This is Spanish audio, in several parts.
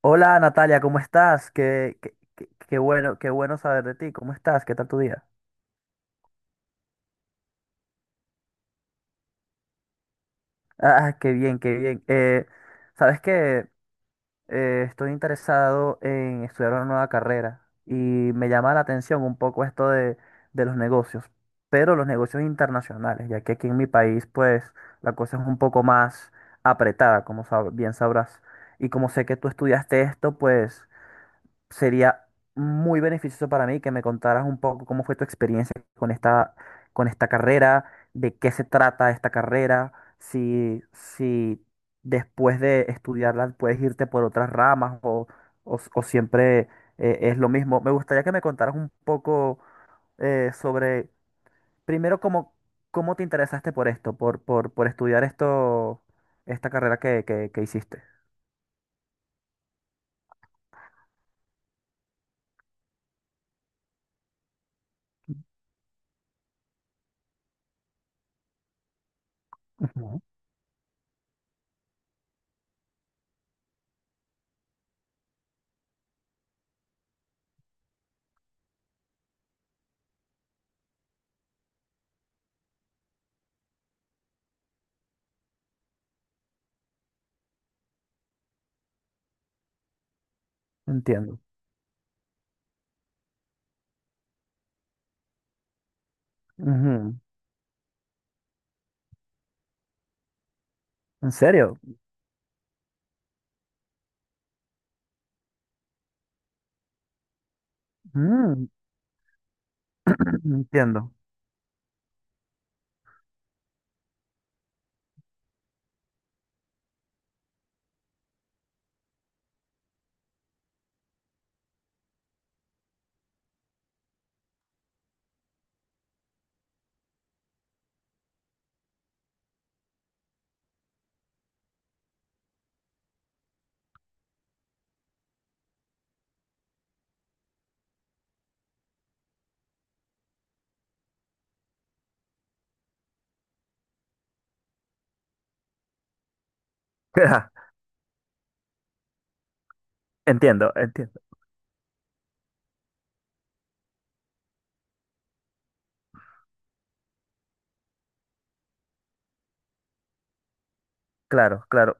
Hola Natalia, ¿cómo estás? Qué bueno, qué bueno saber de ti. ¿Cómo estás? ¿Qué tal tu día? Ah, qué bien, qué bien. Sabes que estoy interesado en estudiar una nueva carrera y me llama la atención un poco esto de los negocios, pero los negocios internacionales, ya que aquí en mi país, pues, la cosa es un poco más apretada, como bien sabrás. Y como sé que tú estudiaste esto, pues, sería muy beneficioso para mí que me contaras un poco cómo fue tu experiencia con esta carrera, de qué se trata esta carrera, si después de estudiarla puedes irte por otras ramas o siempre es lo mismo. Me gustaría que me contaras un poco sobre, primero, cómo te interesaste por esto, por estudiar esto, esta carrera que hiciste. Ujú. Entiendo. Ujú. ¿En serio? Mm. Entiendo. Entiendo, entiendo. Claro, claro.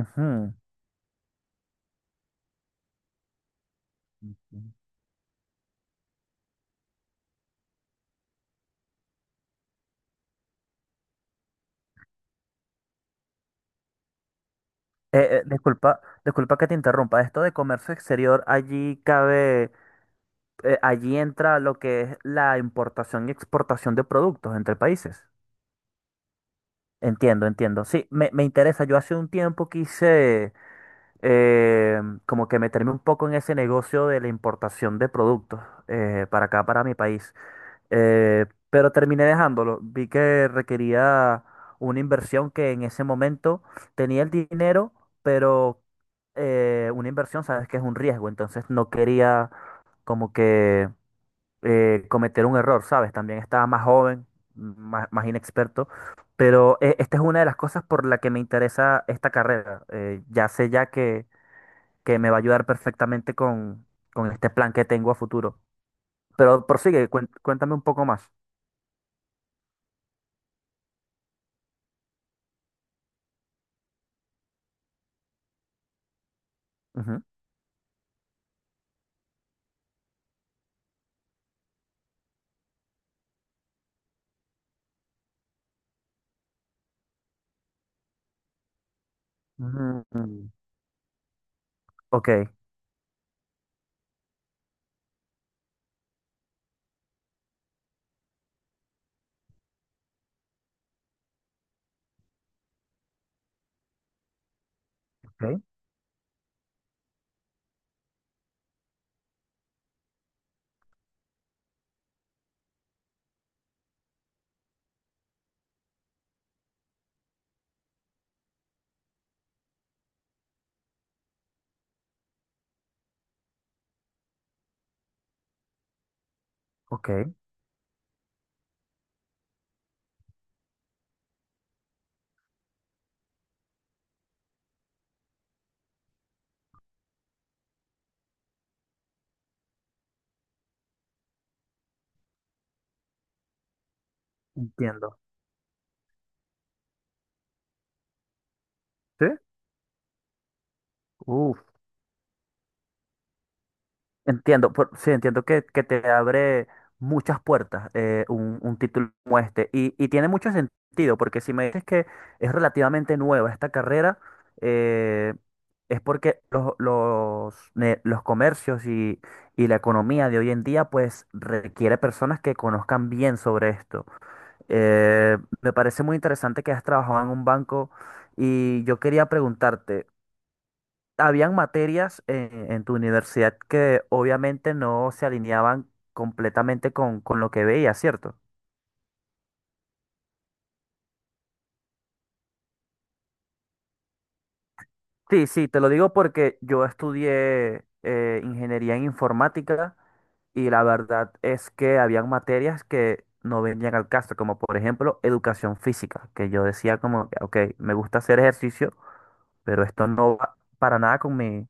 Ujú. Disculpa que te interrumpa. Esto de comercio exterior, allí entra lo que es la importación y exportación de productos entre países. Entiendo, entiendo. Sí, me interesa. Yo hace un tiempo quise eh, como que meterme un poco en ese negocio de la importación de productos para acá, para mi país. Pero terminé dejándolo. Vi que requería una inversión que en ese momento tenía el dinero, pero una inversión, sabes que es un riesgo, entonces no quería como que cometer un error, ¿sabes? También estaba más joven, más inexperto, pero esta es una de las cosas por la que me interesa esta carrera. Ya sé ya que me va a ayudar perfectamente con, este plan que tengo a futuro. Pero prosigue, cuéntame un poco más. Mm. Ok, ok, ok, entiendo. ¿Sí? Uf. Entiendo, sí, entiendo que te abre muchas puertas un título como este. Y tiene mucho sentido, porque si me dices que es relativamente nueva esta carrera, eh, es porque los comercios y la economía de hoy en día, pues requiere personas que conozcan bien sobre esto. Eh, Me parece muy interesante que has trabajado en un banco y yo quería preguntarte habían materias en, tu universidad que obviamente no se alineaban completamente con lo que veías, ¿cierto? Sí, sí, te lo digo porque yo estudié ingeniería en informática y la verdad es que habían materias que no venían al caso, como por ejemplo educación física, que yo decía como, que, ok, me gusta hacer ejercicio, pero esto no va para nada con mi,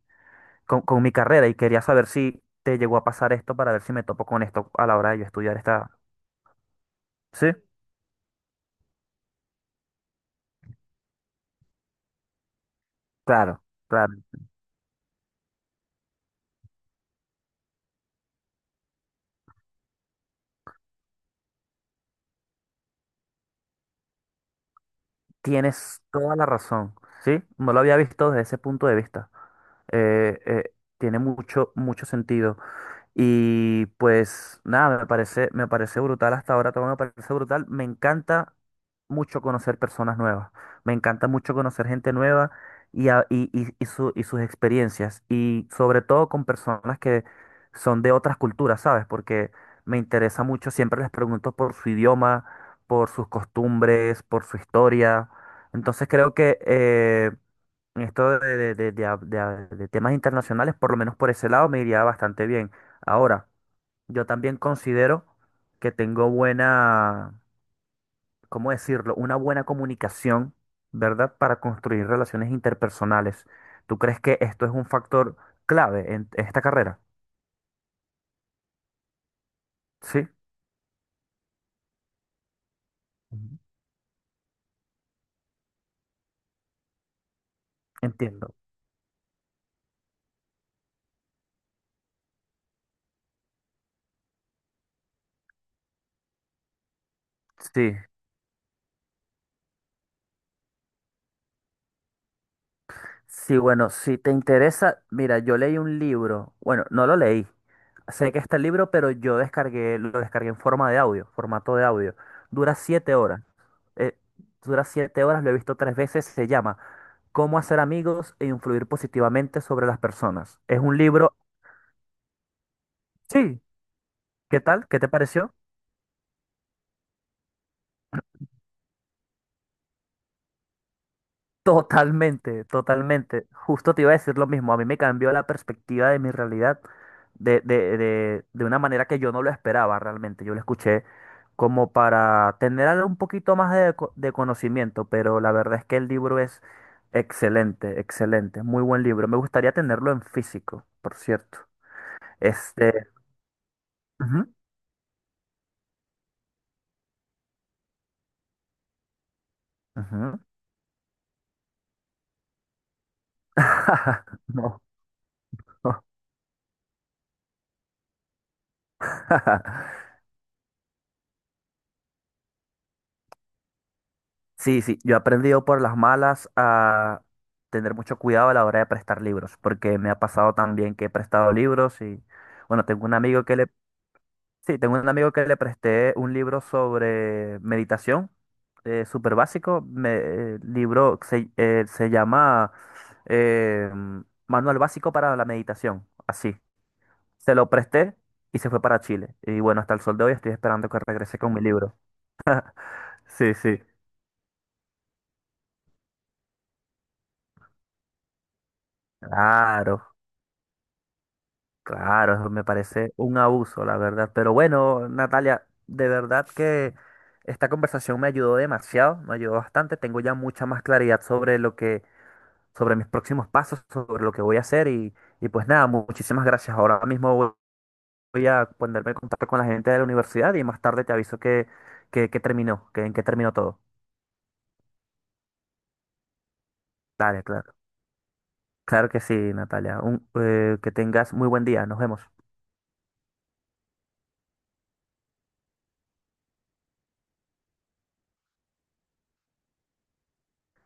con, con mi carrera y quería saber si te llegó a pasar esto para ver si me topo con esto a la hora de yo estudiar esta... ¿Sí? Claro, claro, tienes toda la razón, ¿sí? No lo había visto desde ese punto de vista. Eh, eh, Tiene mucho, mucho sentido. Y pues nada, me parece brutal hasta ahora, todo me parece brutal. Me encanta mucho conocer personas nuevas, me encanta mucho conocer gente nueva y sus experiencias. Y sobre todo con personas que son de otras culturas, ¿sabes? Porque me interesa mucho, siempre les pregunto por su idioma, por sus costumbres, por su historia. Entonces creo que esto de temas internacionales, por lo menos por ese lado, me iría bastante bien. Ahora, yo también considero que tengo buena, ¿cómo decirlo? Una buena comunicación, ¿verdad? Para construir relaciones interpersonales. ¿Tú crees que esto es un factor clave en esta carrera? Sí. Ujú. Entiendo. Sí. Sí, bueno, si te interesa, mira, yo leí un libro, bueno, no lo leí, sé que está el libro, pero yo descargué, lo descargué en forma de audio, formato de audio. Dura siete horas, eh, dura 7 horas, lo he visto tres veces, se llama Cómo hacer amigos e influir positivamente sobre las personas. Es un libro, sí, ¿qué tal? ¿Qué te pareció? Totalmente, totalmente. Justo te iba a decir lo mismo. A mí me cambió la perspectiva de mi realidad de una manera que yo no lo esperaba realmente. Yo lo escuché como para tener algo un poquito más de, de conocimiento, pero la verdad es que el libro es excelente, excelente. Muy buen libro. Me gustaría tenerlo en físico, por cierto. Este. Ujú. Ujú. No. Sí, sí, yo he aprendido por las malas a tener mucho cuidado a la hora de prestar libros, porque me ha pasado también que he prestado libros y, bueno, tengo un amigo que le, sí, tengo un amigo que le presté un libro sobre meditación, súper básico, libro se llama eh, Manual Básico para la Meditación, así. Se lo presté y se fue para Chile. Y bueno, hasta el sol de hoy estoy esperando que regrese con mi libro. Sí, sí. Claro. Claro, eso me parece un abuso, la verdad. Pero bueno, Natalia, de verdad que esta conversación me ayudó demasiado, me ayudó bastante. Tengo ya mucha más claridad sobre lo que, sobre mis próximos pasos, sobre lo que voy a hacer y pues nada, muchísimas gracias. Ahora mismo voy a ponerme en contacto con la gente de la universidad y más tarde te aviso que, que terminó, que en qué terminó todo. Dale, claro. Claro que sí, Natalia. Que tengas muy buen día. Nos vemos.